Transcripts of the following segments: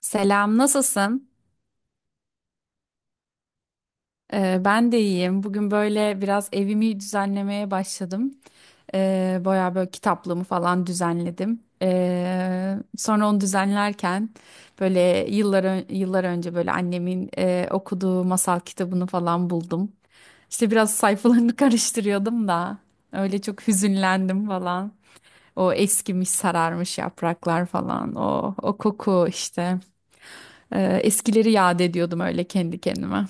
Selam, nasılsın? Ben de iyiyim. Bugün böyle biraz evimi düzenlemeye başladım. Bayağı böyle kitaplığımı falan düzenledim. Sonra onu düzenlerken böyle yıllar önce böyle annemin okuduğu masal kitabını falan buldum. İşte biraz sayfalarını karıştırıyordum da öyle çok hüzünlendim falan. O eskimiş, sararmış yapraklar falan. O koku işte. Eskileri yad ediyordum öyle kendi kendime.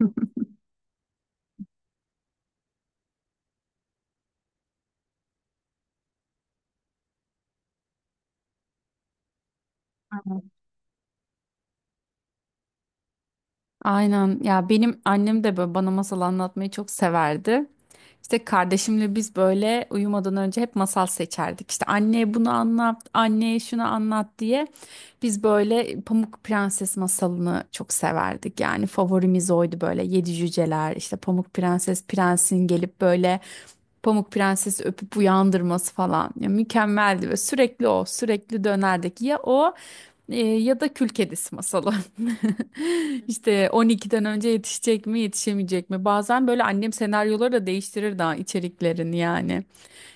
Aynen ya, benim annem de böyle bana masal anlatmayı çok severdi. İşte kardeşimle biz böyle uyumadan önce hep masal seçerdik. İşte anneye bunu anlat, anneye şunu anlat diye. Biz böyle Pamuk Prenses masalını çok severdik. Yani favorimiz oydu, böyle yedi cüceler, işte Pamuk Prenses, prensin gelip böyle Pamuk Prenses'i öpüp uyandırması falan. Ya mükemmeldi ve sürekli o sürekli dönerdik ya o ya da Kül Kedisi masalı. İşte 12'den önce yetişecek mi, yetişemeyecek mi? Bazen böyle annem senaryoları da değiştirir daha içeriklerini yani.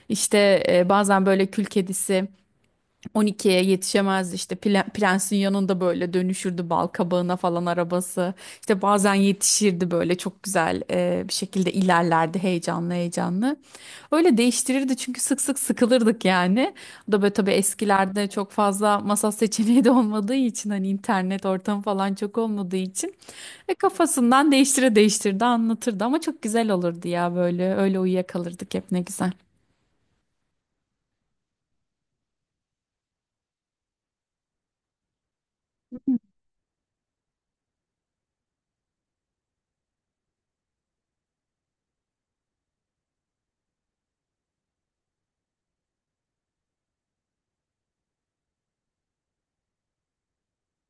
İşte bazen böyle kül kedisi 12'ye yetişemezdi, işte prensin yanında böyle dönüşürdü bal kabağına falan arabası, işte bazen yetişirdi böyle çok güzel bir şekilde ilerlerdi, heyecanlı heyecanlı öyle değiştirirdi çünkü sık sık sıkılırdık yani. O da böyle tabii eskilerde çok fazla masa seçeneği de olmadığı için, hani internet ortamı falan çok olmadığı için ve kafasından değiştire değiştirdi anlatırdı ama çok güzel olurdu ya, böyle öyle uyuyakalırdık hep, ne güzel.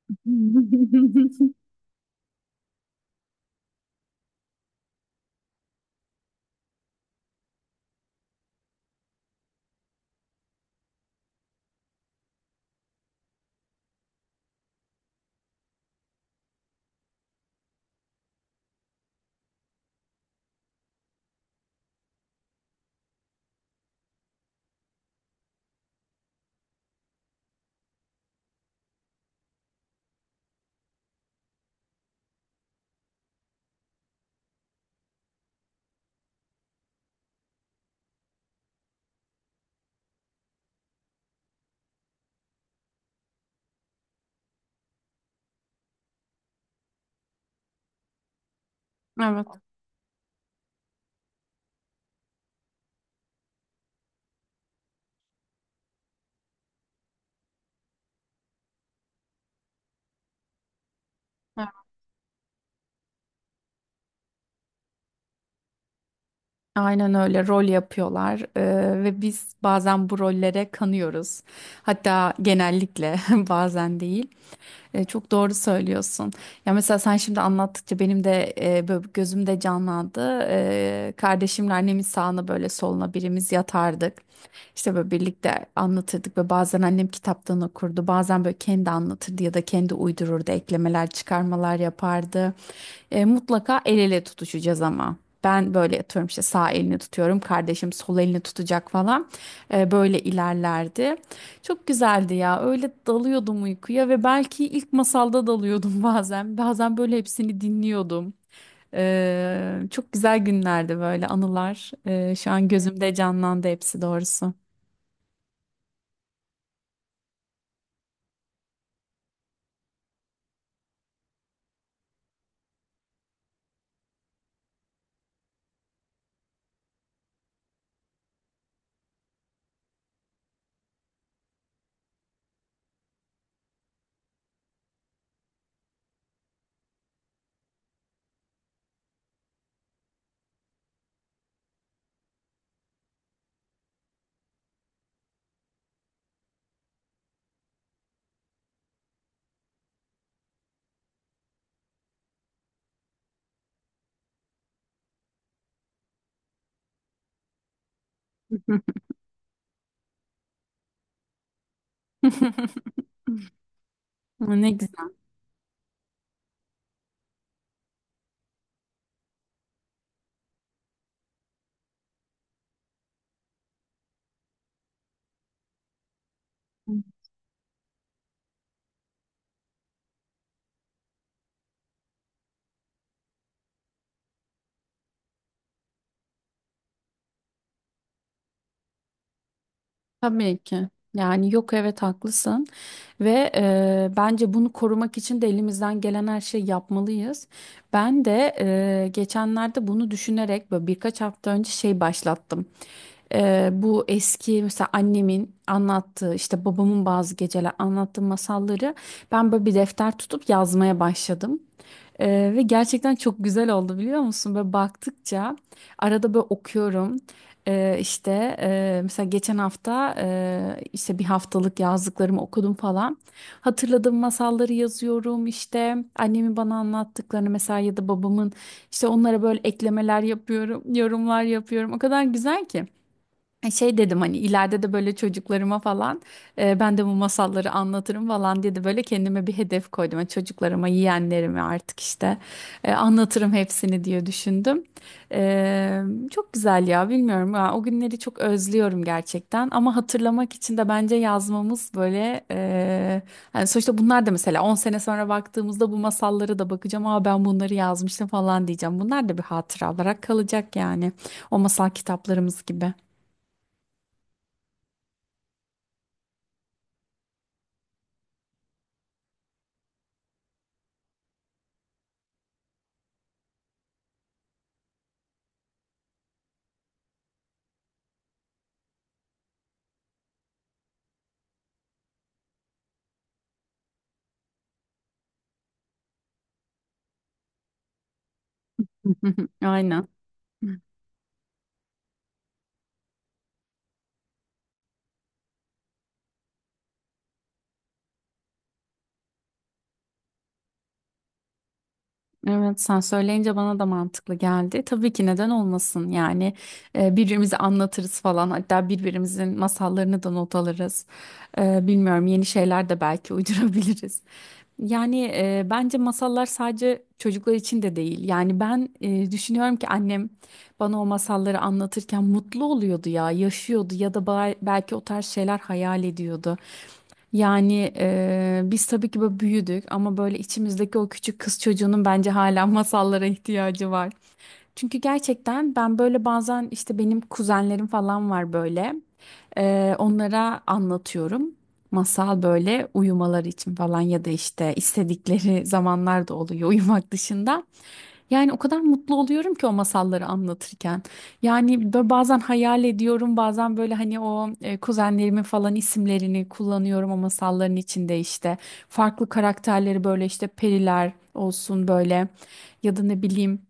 Evet. Aynen öyle rol yapıyorlar. Ve biz bazen bu rollere kanıyoruz. Hatta genellikle, bazen değil. Çok doğru söylüyorsun. Ya mesela sen şimdi anlattıkça benim de böyle gözümde canlandı. E, kardeşimle annemin sağına böyle soluna birimiz yatardık. İşte böyle birlikte anlatırdık ve bazen annem kitaptan okurdu. Bazen böyle kendi anlatırdı ya da kendi uydururdu, eklemeler, çıkarmalar yapardı. Mutlaka el ele tutuşacağız ama. Ben böyle atıyorum, işte sağ elini tutuyorum. Kardeşim sol elini tutacak falan. Böyle ilerlerdi. Çok güzeldi ya. Öyle dalıyordum uykuya ve belki ilk masalda dalıyordum bazen. Bazen böyle hepsini dinliyordum. Çok güzel günlerdi böyle anılar. E, şu an gözümde canlandı hepsi doğrusu. Ne güzel. Tabii ki. Yani yok, evet, haklısın ve bence bunu korumak için de elimizden gelen her şeyi yapmalıyız. Ben de geçenlerde bunu düşünerek böyle birkaç hafta önce şey başlattım. E, bu eski mesela annemin anlattığı, işte babamın bazı geceler anlattığı masalları ben böyle bir defter tutup yazmaya başladım. E, ve gerçekten çok güzel oldu biliyor musun? Böyle baktıkça arada böyle okuyorum. İşte mesela geçen hafta, işte bir haftalık yazdıklarımı okudum falan. Hatırladığım masalları yazıyorum, işte annemin bana anlattıklarını mesela ya da babamın, işte onlara böyle eklemeler yapıyorum, yorumlar yapıyorum. O kadar güzel ki. E, şey dedim, hani ileride de böyle çocuklarıma falan ben de bu masalları anlatırım falan diye de böyle kendime bir hedef koydum. Yani çocuklarıma, yeğenlerime artık, işte anlatırım hepsini diye düşündüm. E, çok güzel ya, bilmiyorum ya, o günleri çok özlüyorum gerçekten, ama hatırlamak için de bence yazmamız böyle, hani sonuçta bunlar da mesela 10 sene sonra baktığımızda bu masallara da bakacağım. Aa, ben bunları yazmıştım falan diyeceğim. Bunlar da bir hatıra olarak kalacak yani, o masal kitaplarımız gibi. Aynen. Evet, sen söyleyince bana da mantıklı geldi. Tabii ki, neden olmasın yani. Birbirimize anlatırız falan, hatta birbirimizin masallarını da not alırız. E, bilmiyorum, yeni şeyler de belki uydurabiliriz. Yani bence masallar sadece çocuklar için de değil. Yani ben düşünüyorum ki annem bana o masalları anlatırken mutlu oluyordu ya, yaşıyordu ya da belki o tarz şeyler hayal ediyordu. Yani biz tabii ki böyle büyüdük ama böyle içimizdeki o küçük kız çocuğunun bence hala masallara ihtiyacı var. Çünkü gerçekten ben böyle bazen, işte benim kuzenlerim falan var böyle. Onlara anlatıyorum. Masal böyle uyumaları için falan, ya da işte istedikleri zamanlar da oluyor uyumak dışında. Yani o kadar mutlu oluyorum ki o masalları anlatırken. Yani böyle bazen hayal ediyorum, bazen böyle hani o kuzenlerimin falan isimlerini kullanıyorum o masalların içinde işte. Farklı karakterleri böyle işte periler olsun böyle, ya da ne bileyim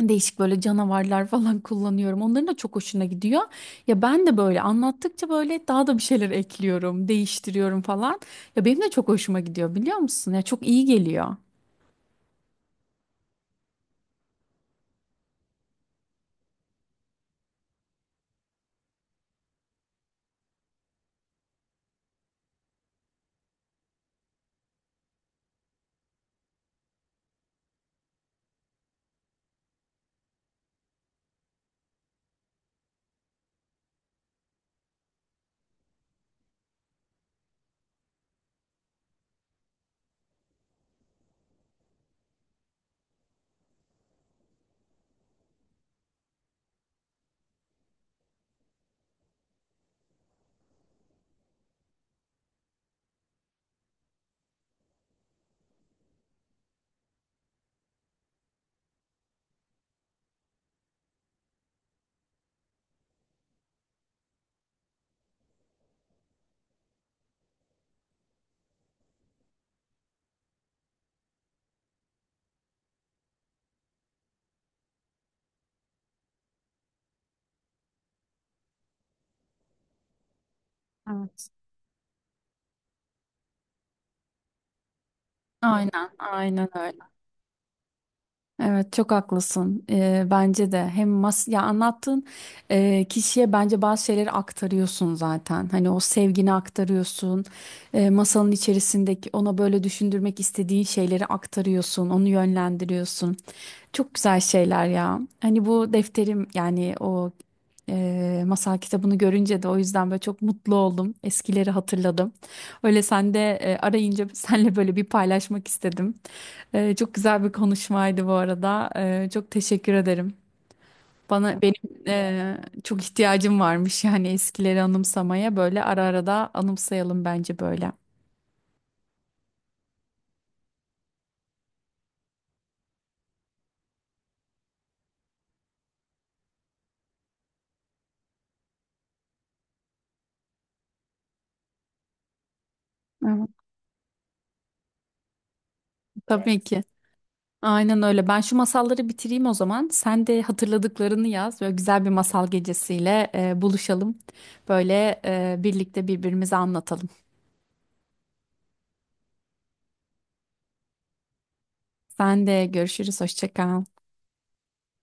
değişik böyle canavarlar falan kullanıyorum. Onların da çok hoşuna gidiyor. Ya ben de böyle anlattıkça böyle daha da bir şeyler ekliyorum, değiştiriyorum falan. Ya benim de çok hoşuma gidiyor biliyor musun? Ya çok iyi geliyor. Evet. Aynen, aynen öyle. Evet, çok haklısın. Bence de hem mas, ya anlattığın kişiye bence bazı şeyleri aktarıyorsun zaten. Hani o sevgini aktarıyorsun. E, masanın içerisindeki ona böyle düşündürmek istediğin şeyleri aktarıyorsun, onu yönlendiriyorsun. Çok güzel şeyler ya. Hani bu defterim, yani o masal kitabını görünce de o yüzden böyle çok mutlu oldum. Eskileri hatırladım. Öyle sen de arayınca senle böyle bir paylaşmak istedim. Çok güzel bir konuşmaydı bu arada. Çok teşekkür ederim. Bana, benim çok ihtiyacım varmış yani, eskileri anımsamaya böyle, ara ara da anımsayalım bence böyle. Evet. Tabii ki. Aynen öyle. Ben şu masalları bitireyim o zaman. Sen de hatırladıklarını yaz. Böyle güzel bir masal gecesiyle buluşalım. Böyle birlikte birbirimize anlatalım. Sen de görüşürüz. Hoşça kal.